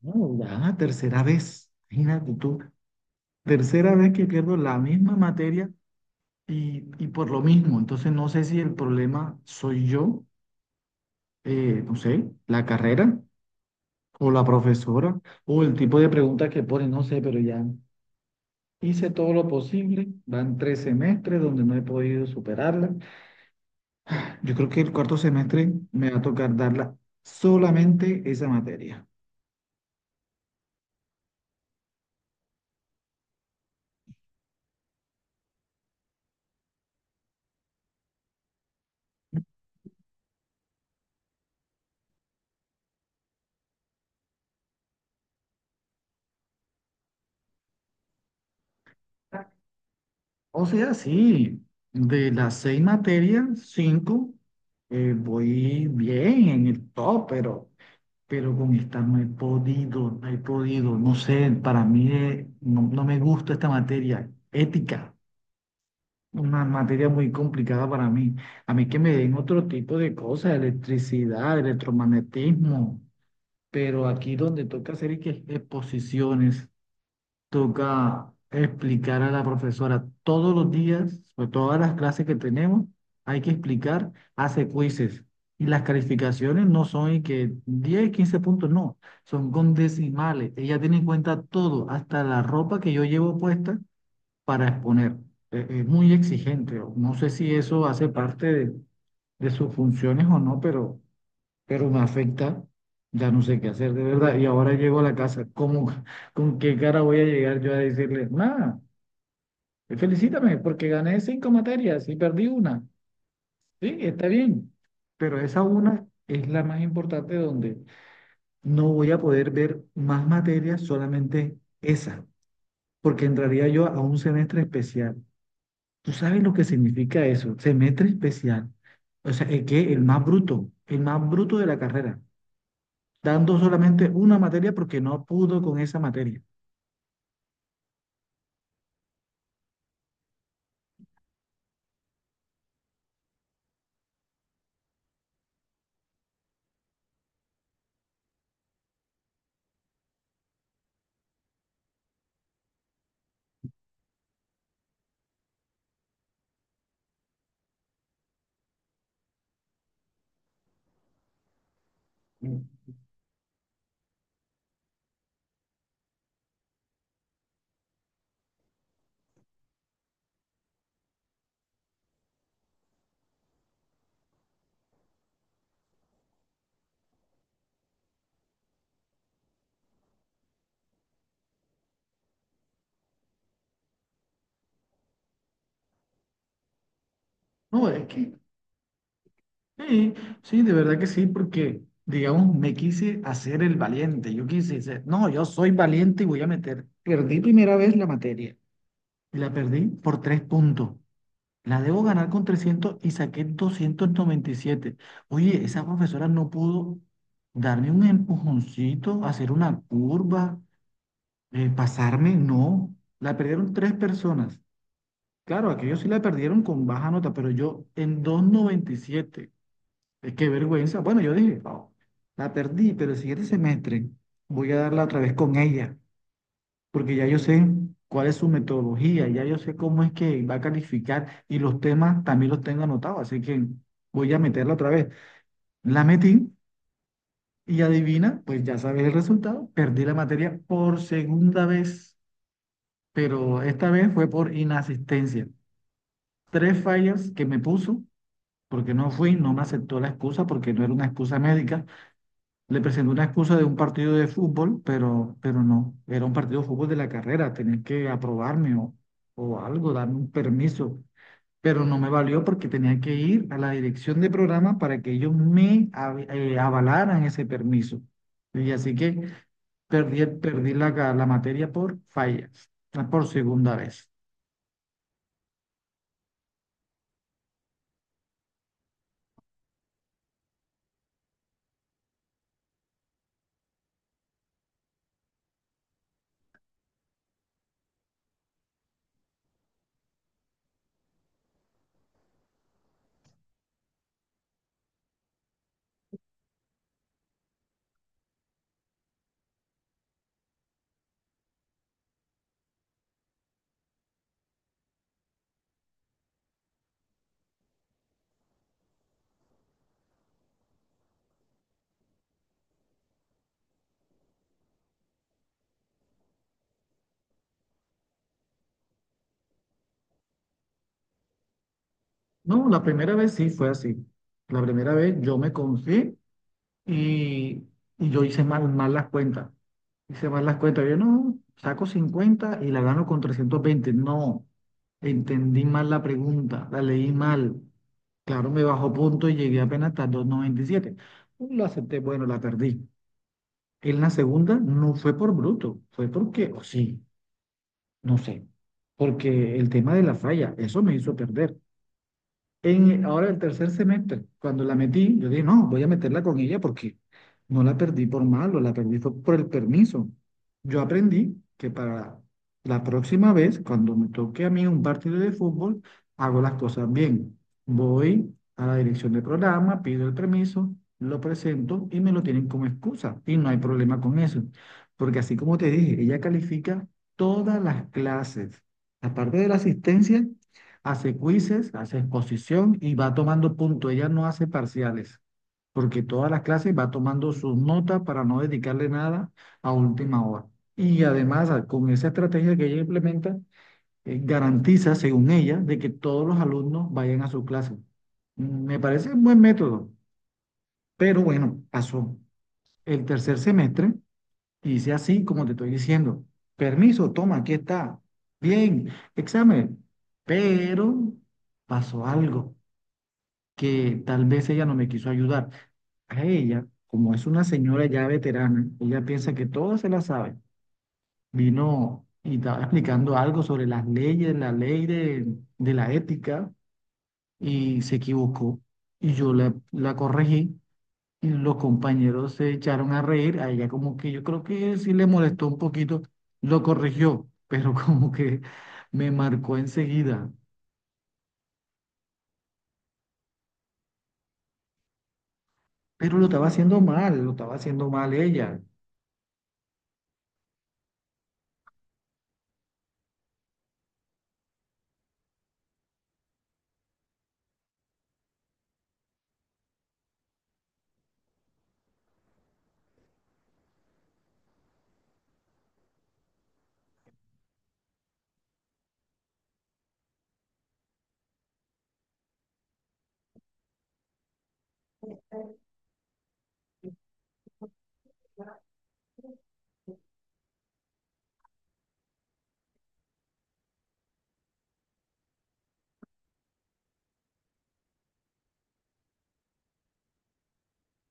No, ya, tercera vez. Imagínate tú, tercera vez que pierdo la misma materia y por lo mismo. Entonces no sé si el problema soy yo, no sé, la carrera o la profesora o el tipo de preguntas que pone, no sé, pero ya hice todo lo posible. Van tres semestres donde no he podido superarla. Yo creo que el cuarto semestre me va a tocar darla, solamente esa materia. O sea, sí, de las seis materias, cinco, voy bien en el top, pero con esta no he podido, no sé, para mí no, no me gusta esta materia, ética, una materia muy complicada para mí. A mí que me den otro tipo de cosas, electricidad, electromagnetismo, pero aquí donde toca hacer y que exposiciones, toca explicar a la profesora todos los días sobre todas las clases que tenemos, hay que explicar, hace quizzes. Y las calificaciones no son y que 10, 15 puntos, no, son con decimales. Ella tiene en cuenta todo, hasta la ropa que yo llevo puesta para exponer. Es muy exigente. No sé si eso hace parte de, sus funciones o no, pero me afecta, ya no sé qué hacer de verdad. Y ahora llego a la casa, ¿cómo, con qué cara voy a llegar yo a decirle, nada, felicítame porque gané cinco materias y perdí una? Sí, está bien, pero esa una es la más importante, donde no voy a poder ver más materias, solamente esa, porque entraría yo a un semestre especial. ¿Tú sabes lo que significa eso? Semestre especial. O sea, el que el más bruto de la carrera, dando solamente una materia porque no pudo con esa materia. No, es que sí, sí, de verdad que sí, porque, digamos, me quise hacer el valiente. Yo quise decir, no, yo soy valiente y voy a meter. Perdí primera vez la materia y la perdí por 3 puntos. La debo ganar con 300 y saqué 297. Oye, esa profesora no pudo darme un empujoncito, hacer una curva, pasarme, no. La perdieron tres personas. Claro, aquellos sí la perdieron con baja nota, pero yo en 2,97. Es que vergüenza. Bueno, yo dije: "No, la perdí, pero el siguiente semestre voy a darla otra vez con ella, porque ya yo sé cuál es su metodología, ya yo sé cómo es que va a calificar y los temas también los tengo anotados, así que voy a meterla otra vez". La metí y adivina, pues ya sabes el resultado, perdí la materia por segunda vez, pero esta vez fue por inasistencia. Tres fallas que me puso porque no fui, no me aceptó la excusa porque no era una excusa médica. Le presenté una excusa de un partido de fútbol, pero no, era un partido de fútbol de la carrera, tenía que aprobarme o algo, darme un permiso, pero no me valió porque tenía que ir a la dirección de programa para que ellos me avalaran ese permiso. Y así que perdí la materia por fallas, por segunda vez. No, la primera vez sí fue así. La primera vez yo me confié. Y, y yo hice mal las cuentas. Hice mal las cuentas. Yo no, saco 50 y la gano con 320. No, entendí mal la pregunta, la leí mal. Claro, me bajó punto y llegué apenas hasta 297. Lo acepté, bueno, la perdí. En la segunda no fue por bruto, fue porque, o sí, no sé, porque el tema de la falla, eso me hizo perder. Ahora el tercer semestre, cuando la metí, yo dije, no, voy a meterla con ella porque no la perdí por malo, la perdí fue por el permiso. Yo aprendí que para la próxima vez, cuando me toque a mí un partido de fútbol, hago las cosas bien. Voy a la dirección del programa, pido el permiso, lo presento y me lo tienen como excusa. Y no hay problema con eso, porque así como te dije, ella califica todas las clases. Aparte de la asistencia, hace quizzes, hace exposición y va tomando puntos. Ella no hace parciales, porque todas las clases va tomando sus notas para no dedicarle nada a última hora. Y además, con esa estrategia que ella implementa, garantiza, según ella, de que todos los alumnos vayan a su clase. Mm, me parece un buen método, pero bueno, pasó el tercer semestre y hice así como te estoy diciendo. Permiso, toma, aquí está. Bien, examen. Pero pasó algo que tal vez ella no me quiso ayudar. A ella, como es una señora ya veterana, ella piensa que todo se la sabe. Vino y estaba explicando algo sobre las leyes, la ley de, la ética, y se equivocó. Y yo la corregí y los compañeros se echaron a reír. A ella como que yo creo que sí le molestó un poquito, lo corrigió, pero como que me marcó enseguida. Pero lo estaba haciendo mal, lo estaba haciendo mal ella.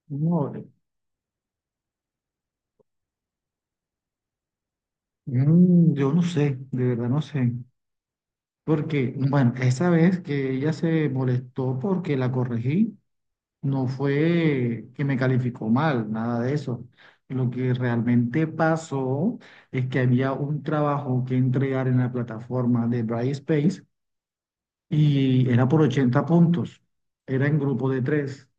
No. Yo no sé, de verdad no sé. Porque, bueno, esa vez que ella se molestó porque la corregí, no fue que me calificó mal, nada de eso. Lo que realmente pasó es que había un trabajo que entregar en la plataforma de Brightspace y era por 80 puntos. Era en grupo de tres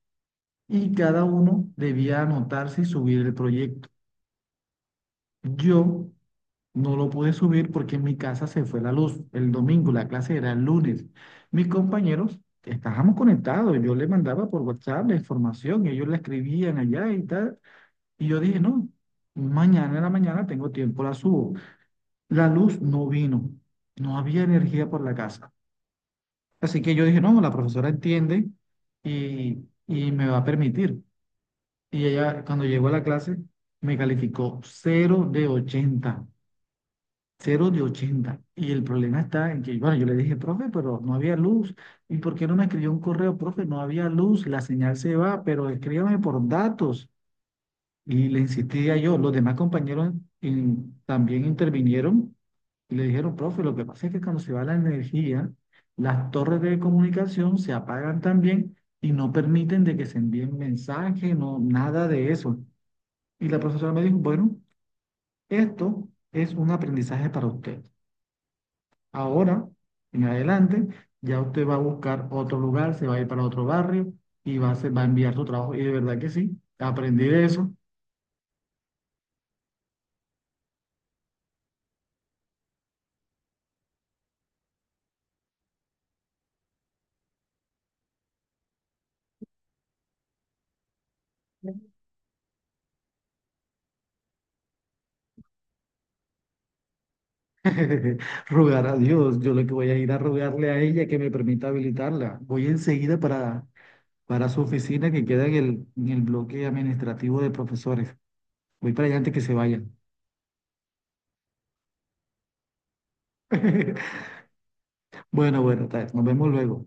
y cada uno debía anotarse y subir el proyecto. Yo no lo pude subir porque en mi casa se fue la luz el domingo, la clase era el lunes. Mis compañeros estábamos conectados, yo les mandaba por WhatsApp la información, ellos la escribían allá y tal. Y yo dije, no, mañana en la mañana tengo tiempo, la subo. La luz no vino, no había energía por la casa. Así que yo dije, no, la profesora entiende y, y me va a permitir. Y ella, cuando llegó a la clase, me calificó 0 de 80. 0 de 80. Y el problema está en que, bueno, yo le dije, profe, pero no había luz. ¿Y por qué no me escribió un correo, profe? No había luz, la señal se va, pero escríbame por datos. Y le insistía yo. Los demás compañeros también intervinieron y le dijeron, profe, lo que pasa es que cuando se va la energía, las torres de comunicación se apagan también y no permiten de que se envíen mensajes, no, nada de eso. Y la profesora me dijo, bueno, esto es un aprendizaje para usted. Ahora, en adelante, ya usted va a buscar otro lugar, se va a ir para otro barrio y va a, va a enviar su trabajo. Y de verdad que sí, aprendí de eso. Rogar a Dios, yo lo que voy a ir a rogarle a ella que me permita habilitarla. Voy enseguida para su oficina que queda en el bloque administrativo de profesores. Voy para allá antes que se vayan. Bueno, bueno, tal, nos vemos luego.